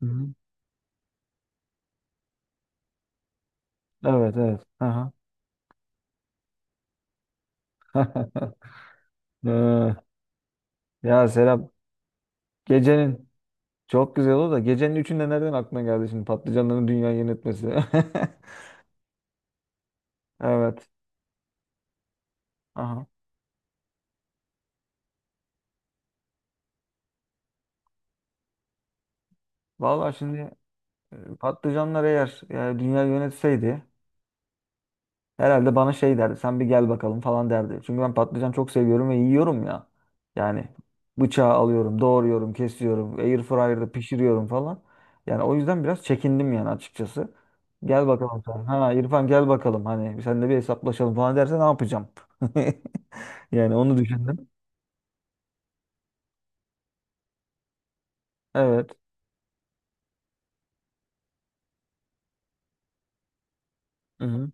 Hı hı. Evet evet. Aha. Ee, Ya Serap gecenin çok güzel oldu da gecenin üçünde nereden aklına geldi şimdi patlıcanların dünyayı yönetmesi? Evet. Aha. Vallahi şimdi patlıcanlar eğer dünya yönetseydi herhalde bana şey derdi. Sen bir gel bakalım falan derdi. Çünkü ben patlıcan çok seviyorum ve yiyorum ya. Yani bıçağı alıyorum, doğruyorum, kesiyorum, air fryer'da pişiriyorum falan. Yani o yüzden biraz çekindim yani açıkçası. Gel bakalım sen. Ha İrfan gel bakalım. Hani sen de bir hesaplaşalım falan derse ne yapacağım? Yani onu düşündüm. Evet. Hı-hı.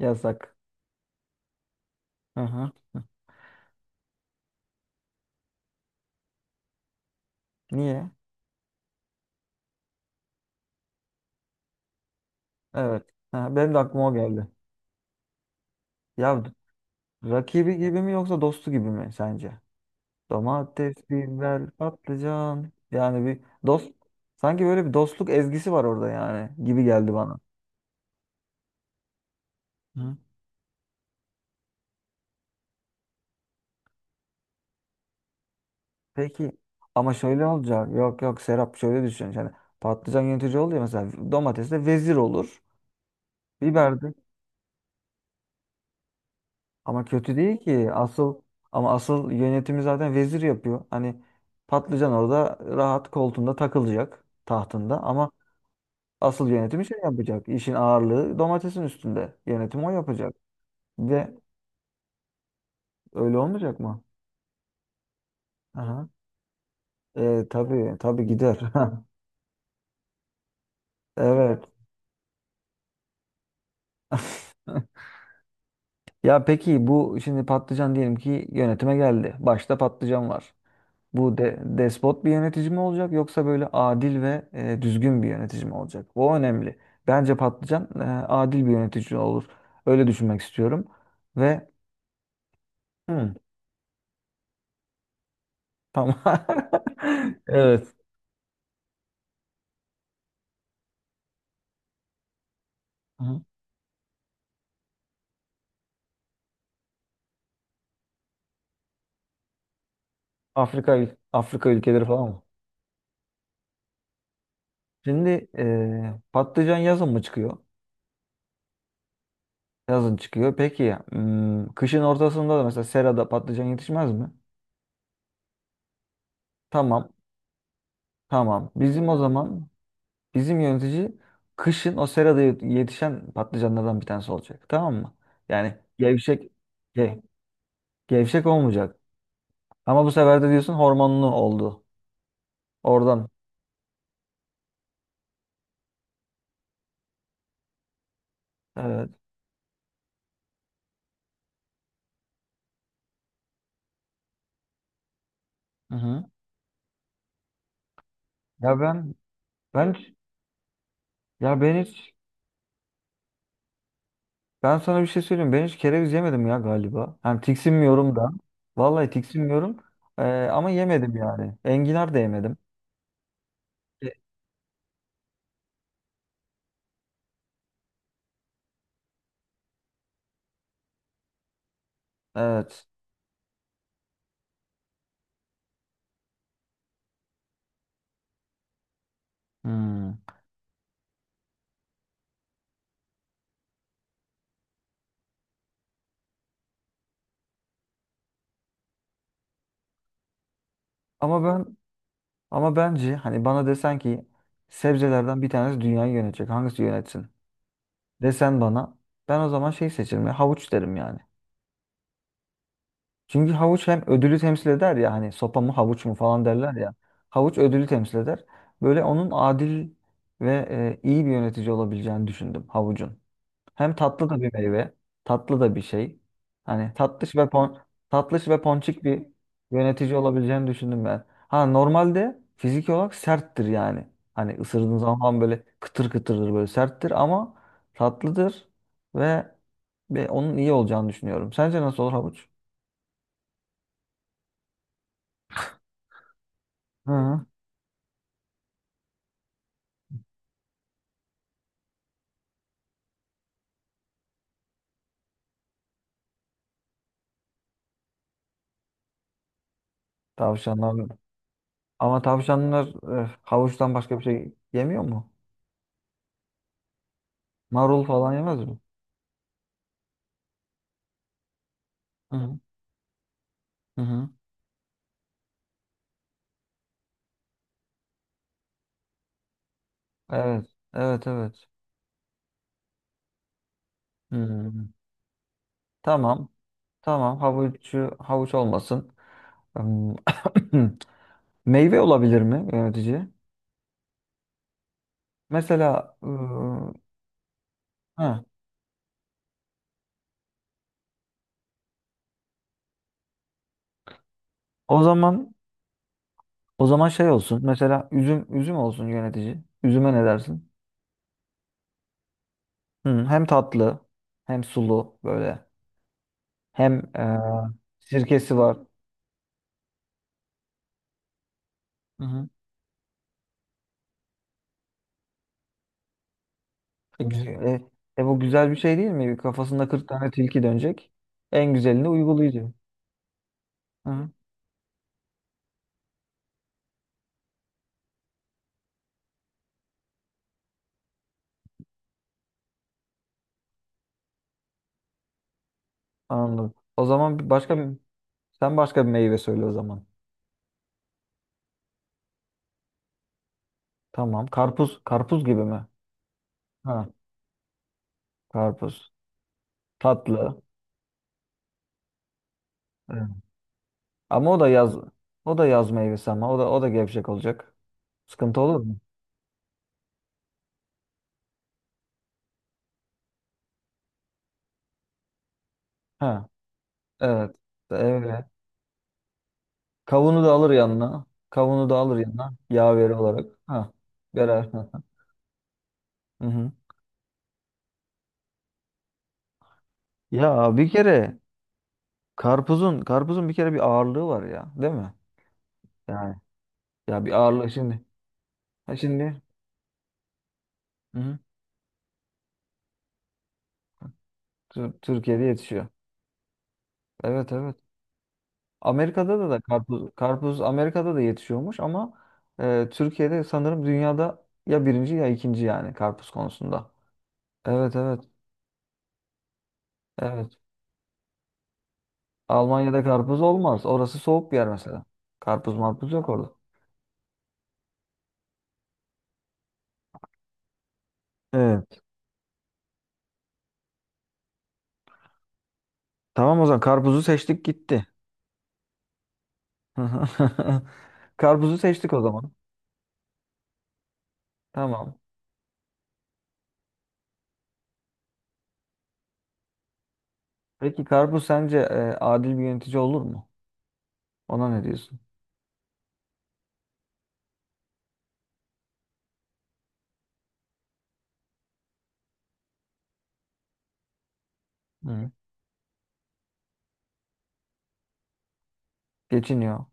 Yasak. Hı-hı. Niye? Evet. Ha, benim de aklıma o geldi. Ya rakibi gibi mi yoksa dostu gibi mi sence? Domates, biber, patlıcan. Yani bir dost sanki böyle bir dostluk ezgisi var orada yani gibi geldi bana. Hı. Peki ama şöyle olacak. Yok yok Serap şöyle düşün. Yani patlıcan yönetici oluyor mesela domates de vezir olur. Biber de ama kötü değil ki. Ama asıl yönetimi zaten vezir yapıyor. Hani patlıcan orada rahat koltuğunda takılacak tahtında ama asıl yönetimi şey yapacak. İşin ağırlığı domatesin üstünde. Yönetim o yapacak. ve Öyle olmayacak mı? Aha. E, tabii gider. Evet. Ya peki bu şimdi patlıcan diyelim ki yönetime geldi. Başta patlıcan var. Despot bir yönetici mi olacak yoksa böyle adil ve düzgün bir yönetici mi olacak? O önemli. Bence patlıcan adil bir yönetici olur. Öyle düşünmek istiyorum. Ve hı, tamam. Evet. Hı. Afrika ülkeleri falan mı? Şimdi patlıcan yazın mı çıkıyor? Yazın çıkıyor. Peki hmm, kışın ortasında da mesela serada patlıcan yetişmez mi? Tamam. Tamam. Bizim o zaman yönetici kışın o serada yetişen patlıcanlardan bir tanesi olacak. Tamam mı? Yani gevşek ge- gevşek olmayacak. Ama bu sefer de diyorsun hormonlu oldu. Oradan. Evet. Hı hı. Ya ben ben hiç- ya ben hiç ben sana bir şey söyleyeyim. Ben hiç kereviz yemedim ya galiba. Hani tiksinmiyorum da. Vallahi tiksinmiyorum. Ee, ama yemedim yani. Enginar da yemedim. E, Evet. Hmm. Ama ben ama bence hani bana desen ki sebzelerden bir tanesi dünyayı yönetecek. Hangisi yönetsin? Desen bana ben o zaman şey seçerim ya, havuç derim yani. Çünkü havuç hem ödülü temsil eder ya hani sopa mı havuç mu falan derler ya. Havuç ödülü temsil eder. Böyle onun adil ve iyi bir yönetici olabileceğini düşündüm havucun. Hem tatlı da bir meyve, tatlı da bir şey. Hani tatlış ve pon tatlış ve ponçik bir yönetici olabileceğini düşündüm ben. Ha normalde fiziki olarak serttir yani. Hani ısırdığın zaman böyle kıtır kıtırdır böyle serttir ama tatlıdır ve, ve onun iyi olacağını düşünüyorum. Sence nasıl olur havuç? Hı hı. Tavşanlar. Ama tavşanlar havuçtan başka bir şey yemiyor mu? Marul falan yemez mi? Hı hı. Hı hı. Evet. Evet evet. Hmm. Tamam. Tamam havucu havuç olmasın. Im, Meyve olabilir mi yönetici? Mesela ha, o zaman o zaman şey olsun. Mesela üzüm olsun yönetici. Üzüme ne dersin? Hı, hem tatlı hem sulu böyle. Hem e, sirkesi var. Hı hı. E, güzel. Bu güzel bir şey değil mi? Kafasında 40 tane tilki dönecek. En güzelini uygulayıcı. Hı hı. Anladım. O zaman bir başka bir sen başka bir meyve söyle o zaman. Tamam. Karpuz, karpuz gibi mi? Ha, karpuz. Tatlı. Evet. Ama o da yaz o da yaz meyvesi ama o da gevşek olacak. Sıkıntı olur mu? Ha, evet. Evet. Kavunu da alır yanına. Kavunu da alır yanına yaveri olarak. Ha, beraber. Hı hı. Ya bir kere karpuzun karpuzun bir kere bir ağırlığı var ya, değil mi? Yani ya bir ağırlığı şimdi. Ha şimdi. Hı hı. Türkiye'de yetişiyor. Evet evet. Da karpuz, karpuz Amerika'da da yetişiyormuş ama Türkiye'de sanırım dünyada ya birinci ya ikinci yani karpuz konusunda. Evet evet evet. Almanya'da karpuz olmaz. Orası soğuk bir yer mesela. Karpuz marpuz yok orada. Evet. Tamam o zaman karpuzu seçtik gitti. Karpuzu seçtik o zaman. Tamam. Peki karpuz sence adil bir yönetici olur mu? Ona ne diyorsun? Hı. Geçiniyor.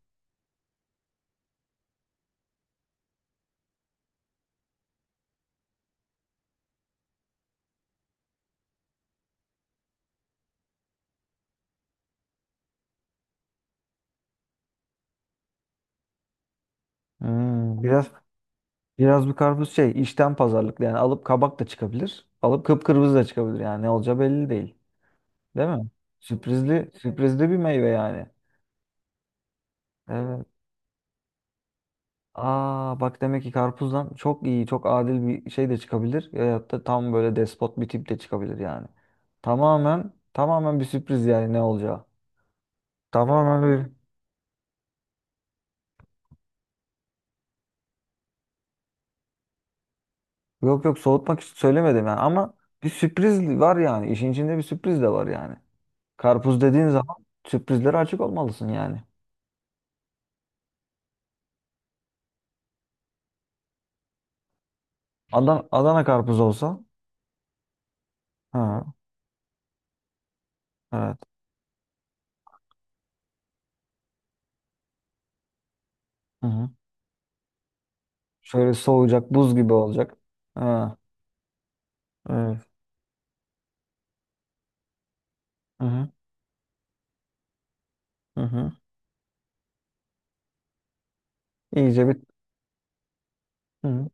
Hmm, biraz Biraz bir karpuz şey işten pazarlıklı yani alıp kabak da çıkabilir. Alıp kıpkırmızı da çıkabilir yani ne olacağı belli değil. Değil mi? Sürprizli bir meyve yani. Evet. Aa bak demek ki karpuzdan çok iyi çok adil bir şey de çıkabilir. Ya da tam böyle despot bir tip de çıkabilir yani. Tamamen bir sürpriz yani ne olacağı. Tamamen bir yok yok soğutmak için söylemedim yani ama bir sürpriz var yani. İşin içinde bir sürpriz de var yani. Karpuz dediğin zaman sürprizlere açık olmalısın yani. Adana karpuz olsa. Ha, evet. Hı hı. Şöyle soğuyacak, buz gibi olacak. Ha, evet. Hı hı. Hı hı. İyice bir. Hı hı.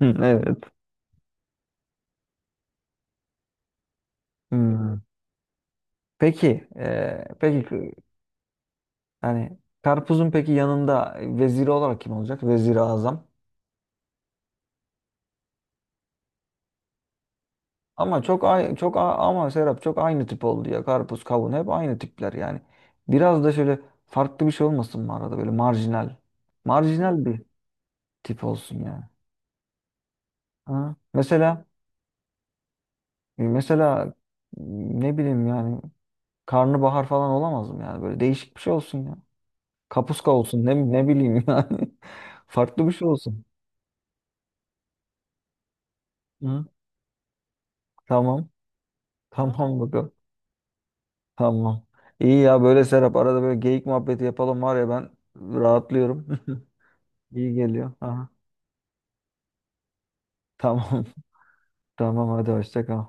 Hı, evet. Hı. Peki, yani karpuzun peki yanında veziri olarak kim olacak? Veziri Azam. Ama çok ay çok a- ama Serap çok aynı tip oldu ya. Karpuz, kavun hep aynı tipler yani. Biraz da şöyle farklı bir şey olmasın mı arada böyle marjinal. Marjinal bir tip olsun yani. Ha. Mesela ne bileyim yani karnabahar falan olamaz mı yani böyle değişik bir şey olsun ya. Kapuska olsun ne bileyim yani. Farklı bir şey olsun. Hı? Tamam. Tamam bakalım. Tamam. İyi ya böyle Serap arada böyle geyik muhabbeti yapalım var ya ben rahatlıyorum. İyi geliyor. Aha. Tamam. Tamam hadi hoşça kal.